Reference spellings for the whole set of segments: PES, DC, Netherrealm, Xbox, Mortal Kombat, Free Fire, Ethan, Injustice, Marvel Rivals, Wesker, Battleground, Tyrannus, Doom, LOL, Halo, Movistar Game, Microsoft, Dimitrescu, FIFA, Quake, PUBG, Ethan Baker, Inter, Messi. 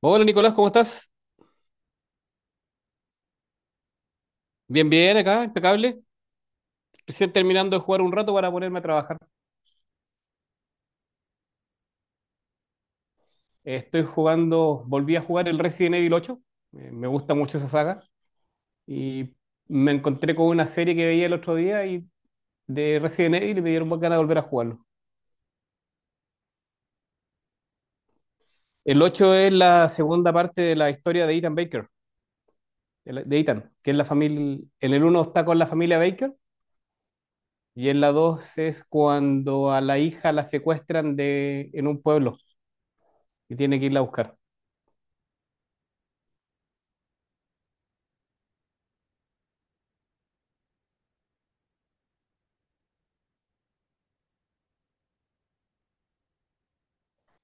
Hola Nicolás, ¿cómo estás? Bien, bien, acá, impecable. Recién terminando de jugar un rato para ponerme a trabajar. Estoy jugando, volví a jugar el Resident Evil ocho. Me gusta mucho esa saga. Y me encontré con una serie que veía el otro día y de Resident Evil y me dieron más ganas de volver a jugarlo. El 8 es la segunda parte de la historia de Ethan Baker, de Ethan, que es la familia. En el uno está con la familia Baker y en la 2 es cuando a la hija la secuestran en un pueblo y tiene que irla a buscar.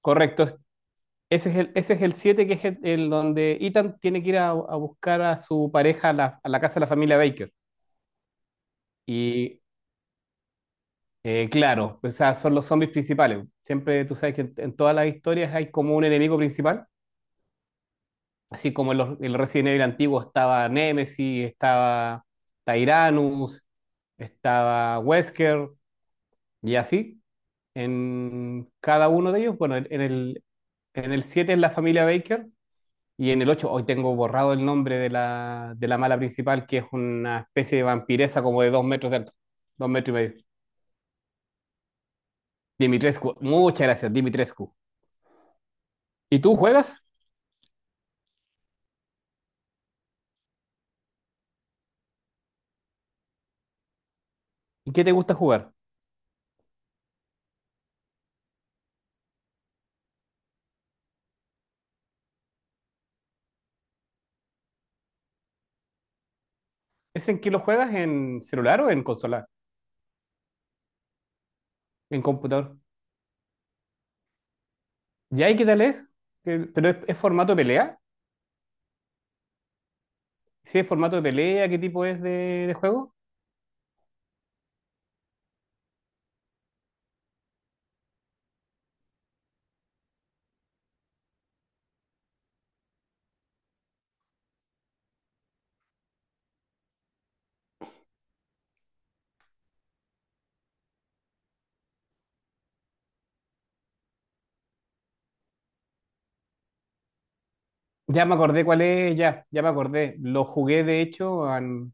Correcto. Ese es el siete, que es el donde Ethan tiene que ir a buscar a su pareja a la casa de la familia Baker. Y claro, o sea, son los zombies principales. Siempre tú sabes que en todas las historias hay como un enemigo principal, así como en el Resident Evil antiguo estaba Nemesis, estaba Tyrannus, estaba Wesker, y así. En cada uno de ellos, bueno, en el 7 es la familia Baker. Y en el 8 hoy tengo borrado el nombre de la mala principal, que es una especie de vampiresa como de 2 metros de alto, 2,5 metros. Dimitrescu, muchas gracias, Dimitrescu. ¿Y tú juegas? ¿Y qué te gusta jugar? ¿Es en qué lo juegas? ¿En celular o en consola? ¿En computador? ¿Ya y qué tal es? ¿Pero es, formato de pelea? ¿Sí es formato de pelea? ¿Qué tipo es de juego? Ya me acordé cuál es, ya, ya me acordé. Lo jugué de hecho,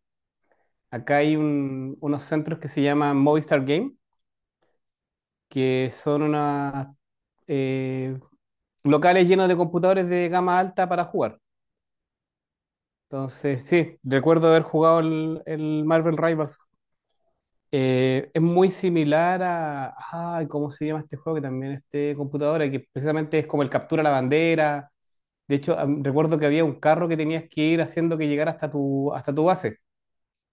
acá hay unos centros que se llaman Movistar Game, que son unas eh, locales llenos de computadores de gama alta para jugar. Entonces, sí, recuerdo haber jugado el Marvel Rivals. Es muy similar a, ay, ¿cómo se llama este juego? Que también es de computadora, que precisamente es como el captura la bandera. De hecho, recuerdo que había un carro que tenías que ir haciendo que llegara hasta tu base,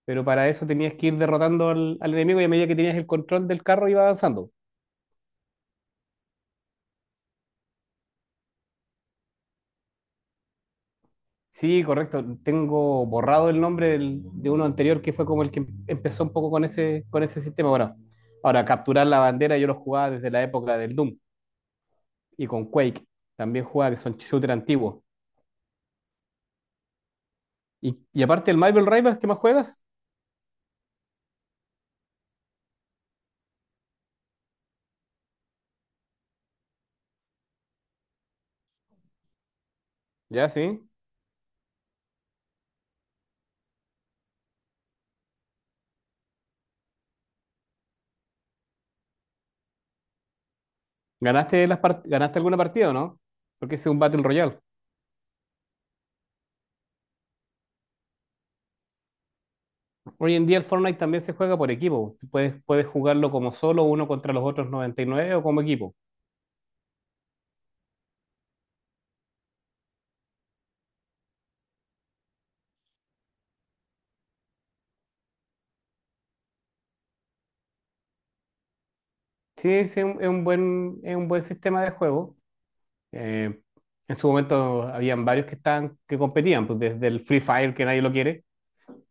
pero para eso tenías que ir derrotando al enemigo, y a medida que tenías el control del carro iba avanzando. Sí, correcto. Tengo borrado el nombre de uno anterior que fue como el que empezó un poco con ese sistema. Bueno, ahora capturar la bandera yo lo jugaba desde la época del Doom y con Quake. También jugaba, que son shooter antiguos. Y, aparte del Marvel Rivals, ¿qué más juegas? Ya, sí. ¿Ganaste alguna partida o no? Porque ese es un Battle Royale. Hoy en día el Fortnite también se juega por equipo. Puedes jugarlo como solo, uno contra los otros 99, o como equipo. Sí, sí, es un buen sistema de juego. Eh, en su momento habían varios que estaban, que competían, pues desde el Free Fire, que nadie lo quiere,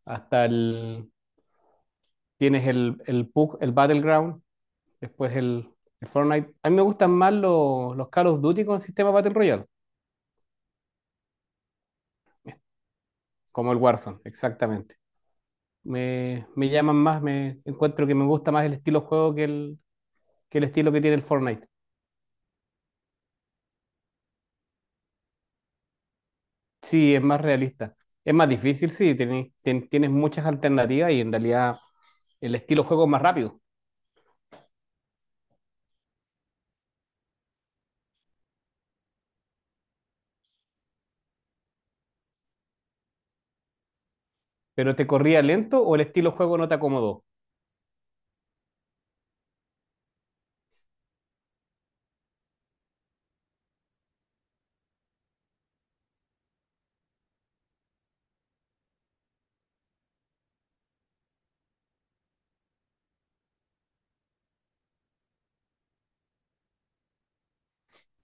hasta el, tienes el PUBG, el Battleground, después el Fortnite. A mí me gustan más los Call of Duty con sistema Battle Royale, como el Warzone, exactamente. Me llaman más, me encuentro que me gusta más el estilo juego que el estilo que tiene el Fortnite. Sí, es más realista. Es más difícil, sí, tienes muchas alternativas, y en realidad el estilo juego es más rápido. ¿Pero te corría lento o el estilo juego no te acomodó?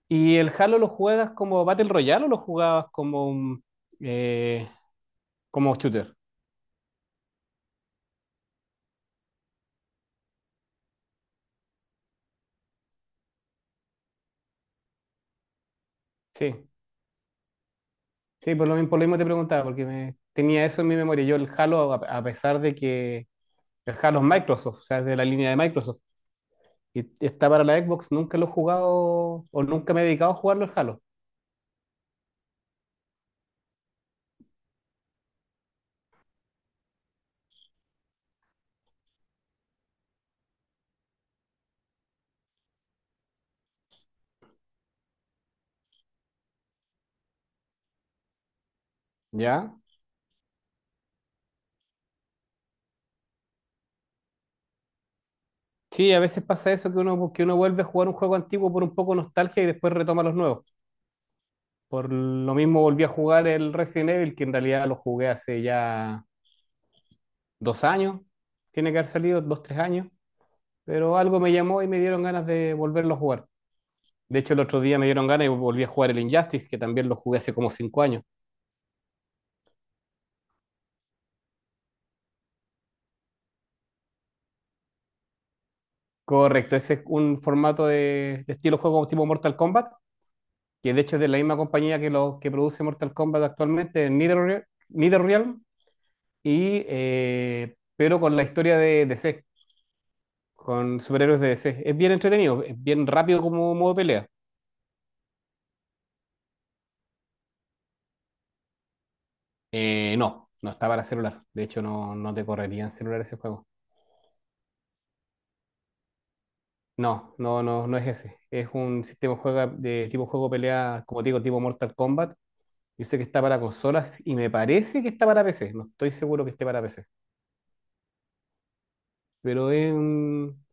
¿Y el Halo lo juegas como Battle Royale o lo jugabas eh, como shooter? Sí, sí, por lo mismo te preguntaba, porque tenía eso en mi memoria. Yo el Halo, a pesar de que el Halo es Microsoft, o sea, es de la línea de Microsoft, y está para la Xbox, nunca lo he jugado o nunca me he dedicado a jugarlo el Halo, ¿ya? Sí, a veces pasa eso, que uno, vuelve a jugar un juego antiguo por un poco de nostalgia y después retoma los nuevos. Por lo mismo volví a jugar el Resident Evil, que en realidad lo jugué hace ya 2 años. Tiene que haber salido 2, 3 años. Pero algo me llamó y me dieron ganas de volverlo a jugar. De hecho, el otro día me dieron ganas y volví a jugar el Injustice, que también lo jugué hace como 5 años. Correcto, ese es un formato de estilo juego tipo Mortal Kombat, que de hecho es de la misma compañía que produce Mortal Kombat actualmente, Netherrealm, Netherrealm, y, pero con la historia de DC. Con superhéroes de DC. Es bien entretenido, es bien rápido como modo de pelea. No, no está para celular. De hecho, no, no te correría en celular ese juego. No, no, no, no es ese. Es un sistema de tipo juego pelea, como te digo, tipo Mortal Kombat. Yo sé que está para consolas y me parece que está para PC. No estoy seguro que esté para PC. Pero es un,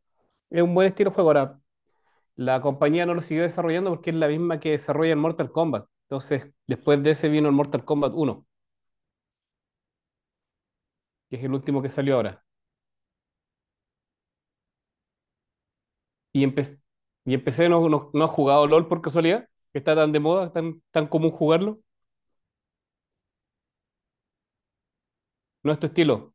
es un buen estilo de juego. Ahora, la compañía no lo siguió desarrollando porque es la misma que desarrolla el Mortal Kombat. Entonces, después de ese vino el Mortal Kombat uno, que es el último que salió ahora. Y, empe- y empecé, no, no, no has jugado LOL por casualidad, que está tan de moda, tan, tan común jugarlo. No es tu estilo,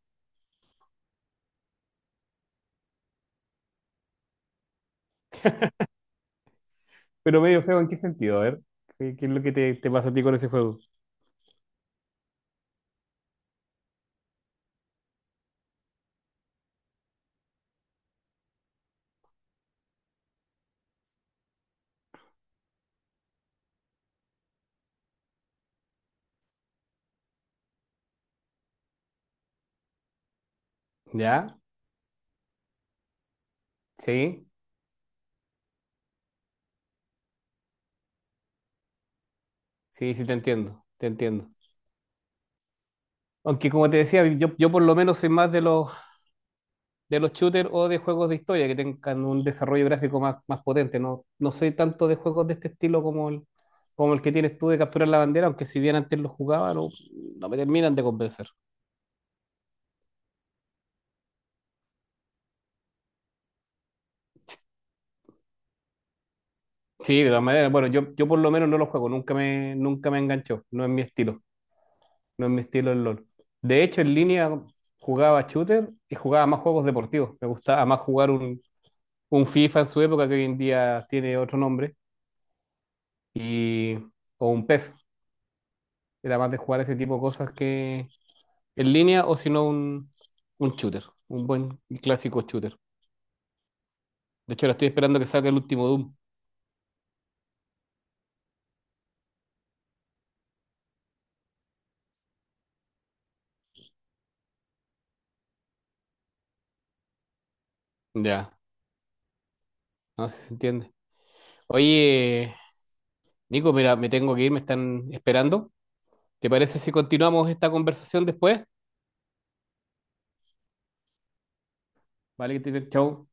pero medio feo, ¿en qué sentido? A ver, ¿qué es lo que te pasa a ti con ese juego? ¿Ya? Sí, sí, sí, te entiendo, te entiendo. Aunque como te decía, yo por lo menos soy más de los shooters o de juegos de historia que tengan un desarrollo gráfico más, más potente. No, no soy tanto de juegos de este estilo como el que tienes tú de capturar la bandera, aunque si bien antes lo jugaba, no, no me terminan de convencer. Sí, de todas maneras. Bueno, yo por lo menos no lo juego, nunca me enganchó. No es mi estilo. No es mi estilo el LOL. De hecho, en línea jugaba shooter y jugaba más juegos deportivos. Me gustaba más jugar un FIFA en su época, que hoy en día tiene otro nombre, y, o un PES. Era más de jugar ese tipo de cosas que en línea, o si no un shooter, un buen y clásico shooter. De hecho, ahora estoy esperando que salga el último Doom. Ya, no sé si se entiende. Oye, Nico, mira, me tengo que ir, me están esperando. ¿Te parece si continuamos esta conversación después? Vale, chau.